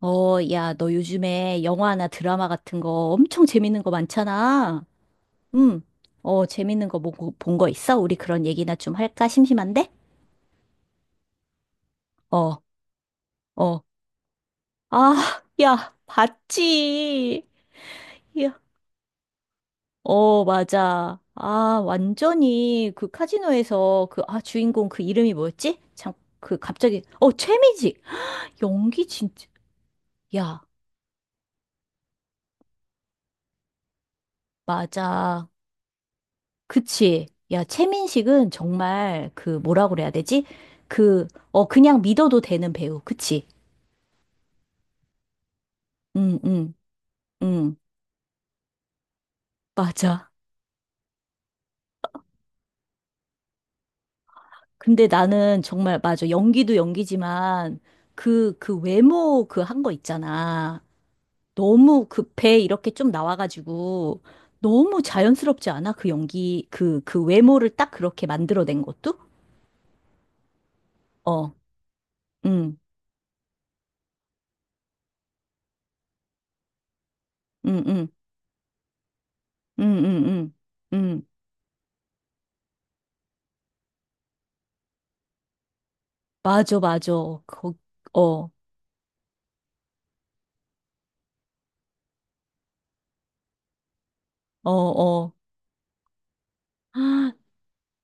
야, 너 요즘에 영화나 드라마 같은 거 엄청 재밌는 거 많잖아. 응. 재밌는 거 보고 본 거 있어? 우리 그런 얘기나 좀 할까? 심심한데? 어, 어. 아, 야, 봤지. 야. 어, 맞아. 아, 완전히 그 카지노에서 그, 아, 주인공 그 이름이 뭐였지? 참, 그 갑자기, 최미지. 연기 진짜. 야, 맞아. 그치. 야, 최민식은 정말 그 뭐라 그래야 되지? 그, 그냥 믿어도 되는 배우. 그치? 응, 응, 응. 맞아. 근데 나는 정말, 맞아. 연기도 연기지만 그 외모 그 한 거 있잖아. 너무 그 배 이렇게 좀 나와가지고 너무 자연스럽지 않아? 그 연기, 그 외모를 딱 그렇게 만들어낸 것도? 어, 응, 응, 응, 응, 응, 응, 응. 맞아, 맞아. 거, 어. 어, 어. 아,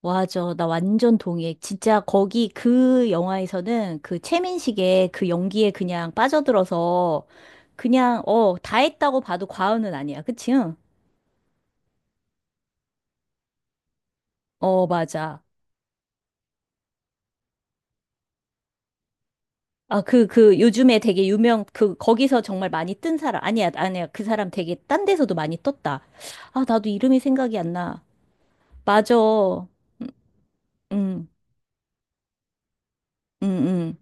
맞아. 나 완전 동의해. 진짜 거기 그 영화에서는 그 최민식의 그 연기에 그냥 빠져들어서 그냥, 다 했다고 봐도 과언은 아니야. 그치? 응? 어, 맞아. 아, 요즘에 되게 유명, 그, 거기서 정말 많이 뜬 사람. 아니야, 아니야. 그 사람 되게 딴 데서도 많이 떴다. 아, 나도 이름이 생각이 안 나. 맞아. 응, 응, 응.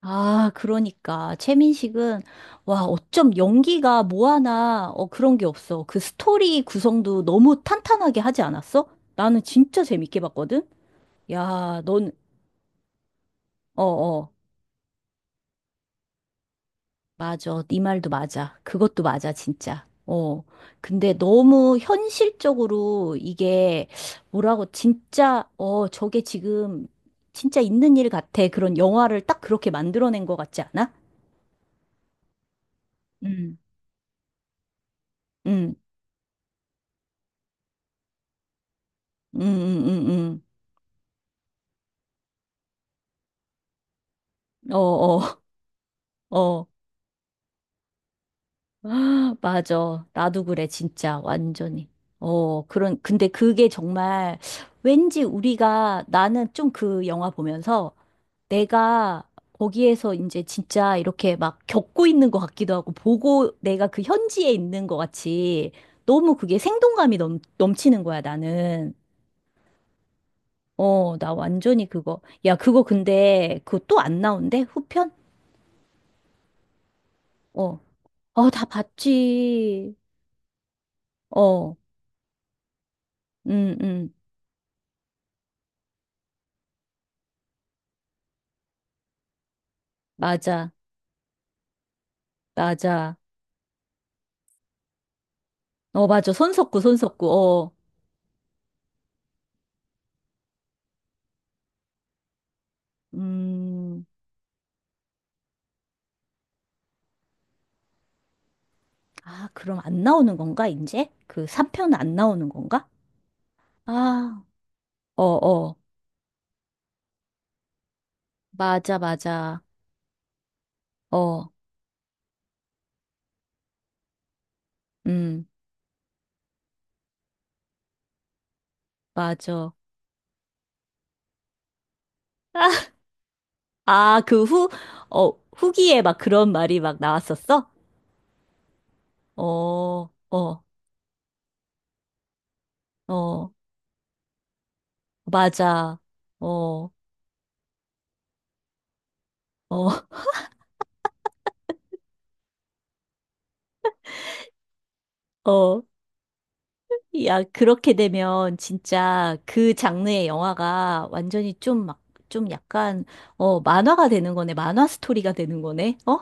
아, 그러니까. 최민식은, 와, 어쩜 연기가 뭐 하나, 그런 게 없어. 그 스토리 구성도 너무 탄탄하게 하지 않았어? 나는 진짜 재밌게 봤거든? 야, 넌, 어, 어, 맞아. 네 말도 맞아. 그것도 맞아, 진짜. 어. 근데 너무 현실적으로 이게, 뭐라고, 진짜, 어, 저게 지금, 진짜 있는 일 같아. 그런 영화를 딱 그렇게 만들어낸 것 같지 않아? 음. 음, 음, 음, 음, 음. 어, 어, 어. 맞아. 나도 그래, 진짜. 완전히. 그런, 근데 그게 정말 왠지 우리가 나는 좀 그 영화 보면서 내가 거기에서 이제 진짜 이렇게 막 겪고 있는 것 같기도 하고 보고 내가 그 현지에 있는 것 같이 너무 그게 생동감이 넘치는 거야, 나는. 나 완전히 그거. 야, 그거 근데 그거 또 안 나온대? 후편? 어. 어, 다 봤지. 어. 음, 음, 맞아, 맞아. 어, 맞아. 손 섞고, 손 섞고, 어. 음, 아, 그럼 안 나오는 건가, 이제? 그 삼편 안 나오는 건가? 아, 어, 어. 맞아, 맞아. 어, 음, 맞아. 아, 그 후, 어, 후기에 막 그런 말이 막 나왔었어? 어, 어, 어, 맞아. 어, 어, 어. 야, 그렇게 되면 진짜 그 장르의 영화가 완전히 좀 막, 좀 약간, 만화가 되는 거네. 만화 스토리가 되는 거네. 어?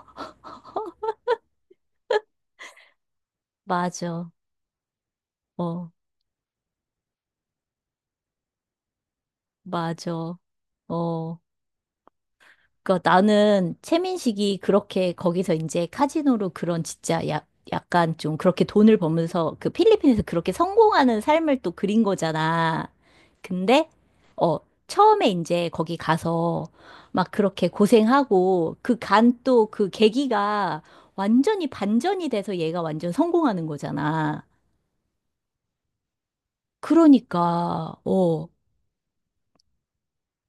맞아. 어, 맞아. 어. 그 나는 최민식이 그렇게 거기서 이제 카지노로 그런 진짜 약 약간 좀 그렇게 돈을 벌면서 그 필리핀에서 그렇게 성공하는 삶을 또 그린 거잖아. 근데 어 처음에 이제 거기 가서 막 그렇게 고생하고 그 간 또 그 계기가 완전히 반전이 돼서 얘가 완전 성공하는 거잖아. 그러니까 어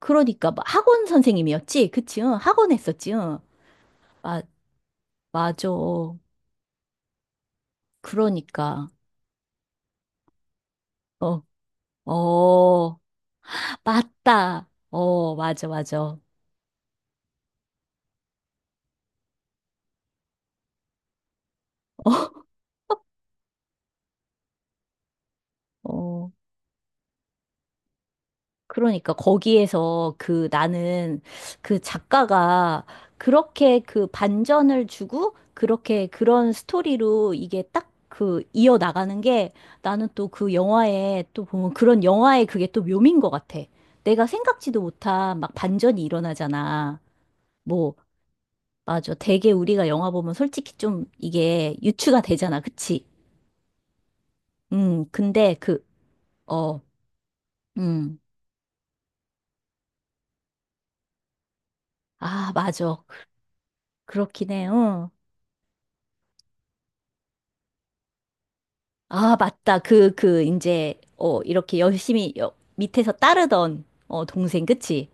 그러니까 막 학원 선생님이었지, 그치? 응, 학원 했었지. 응. 아 맞아. 그러니까. 어, 어, 맞다. 어, 맞아, 맞아. 어, 어. 그러니까 거기에서 그 나는 그 작가가 그렇게 그 반전을 주고 그렇게 그런 스토리로 이게 딱 그 이어나가는 게 나는 또 그 영화에 또 보면 그런 영화의 그게 또 묘미인 것 같아. 내가 생각지도 못한 막 반전이 일어나잖아. 뭐, 맞아. 되게 우리가 영화 보면 솔직히 좀 이게 유추가 되잖아. 그치? 근데 그, 어, 음, 아, 맞아. 그- 그렇긴 해, 응. 아, 맞다. 이제, 이렇게 열심히 여, 밑에서 따르던, 동생, 그치?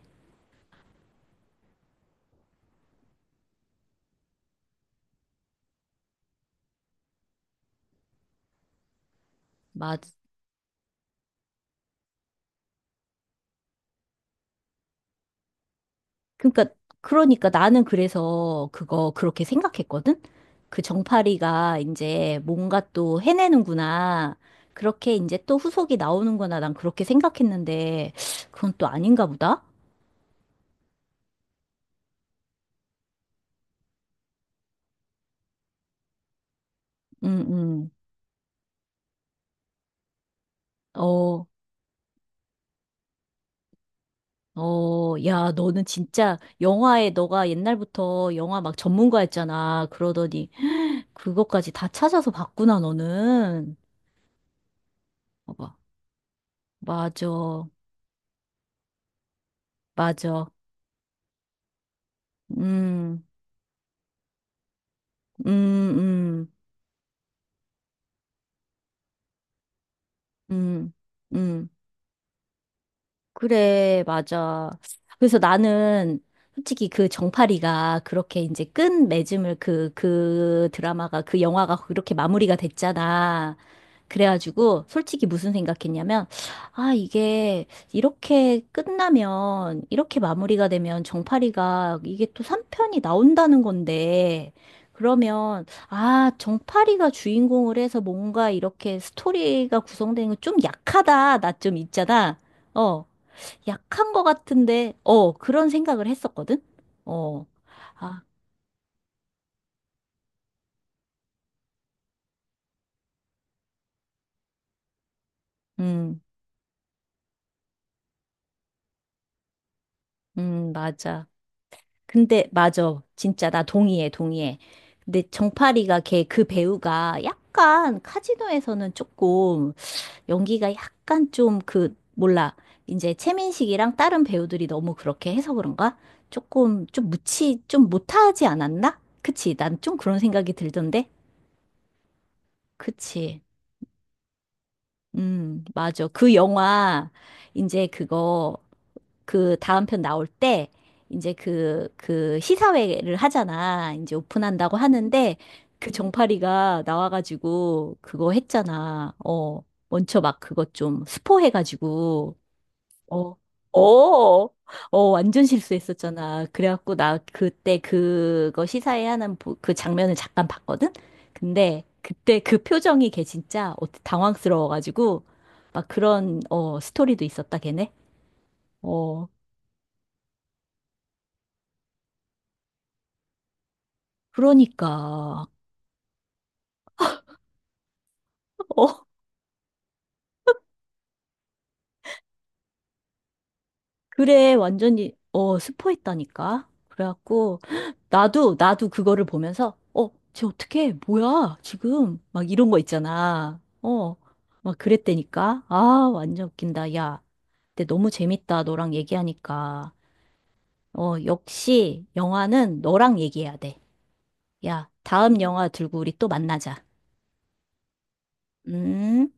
맞, 그러니까, 그러니까 나는 그래서 그거 그렇게 생각했거든? 그 정파리가 이제 뭔가 또 해내는구나. 그렇게 이제 또 후속이 나오는구나. 난 그렇게 생각했는데, 그건 또 아닌가 보다? 응, 응. 어. 어, 야, 너는 진짜 영화에 너가 옛날부터 영화 막 전문가였잖아. 그러더니 그것까지 다 찾아서 봤구나, 너는. 봐봐. 맞아. 맞아. 음, 음, 음, 음, 음. 그래, 맞아. 그래서 나는 솔직히 그 정파리가 그렇게 이제 끝맺음을 그, 그 드라마가, 그 영화가 그렇게 마무리가 됐잖아. 그래가지고 솔직히 무슨 생각했냐면 아 이게 이렇게 끝나면 이렇게 마무리가 되면 정파리가 이게 또 3편이 나온다는 건데 그러면 아 정파리가 주인공을 해서 뭔가 이렇게 스토리가 구성되는 건 좀 약하다 나 좀 있잖아 어 약한 거 같은데 어 그런 생각을 했었거든 어 아 음 맞아 근데 맞아. 진짜 나 동의해, 동의해. 근데 정파리가 걔 그 배우가 약간 카지노에서는 조금 연기가 약간 좀 그 몰라. 이제 최민식이랑 다른 배우들이 너무 그렇게 해서 그런가? 조금 좀 무치 좀 못하지 않았나? 그치? 난 좀 그런 생각이 들던데. 그치? 맞아. 그 영화 이제 그거 그 다음 편 나올 때 이제 그 시사회를 하잖아. 이제 오픈한다고 하는데 그 정파리가 나와가지고 그거 했잖아. 먼저 막 그거 좀 스포해가지고, 어, 어, 어, 완전 실수했었잖아. 그래갖고 나 그때 그거 시사회 하는 그 장면을 잠깐 봤거든? 근데 그때 그 표정이 걔 진짜 어- 당황스러워가지고 막 그런, 스토리도 있었다, 걔네. 어. 그러니까. 어, 그래, 완전히, 스포했다니까. 그래갖고, 나도, 나도 그거를 보면서, 쟤 어떡해, 뭐야, 지금. 막 이런 거 있잖아. 어, 막 그랬다니까. 아, 완전 웃긴다, 야. 근데 너무 재밌다, 너랑 얘기하니까. 역시, 영화는 너랑 얘기해야 돼. 야, 다음 영화 들고 우리 또 만나자. 음.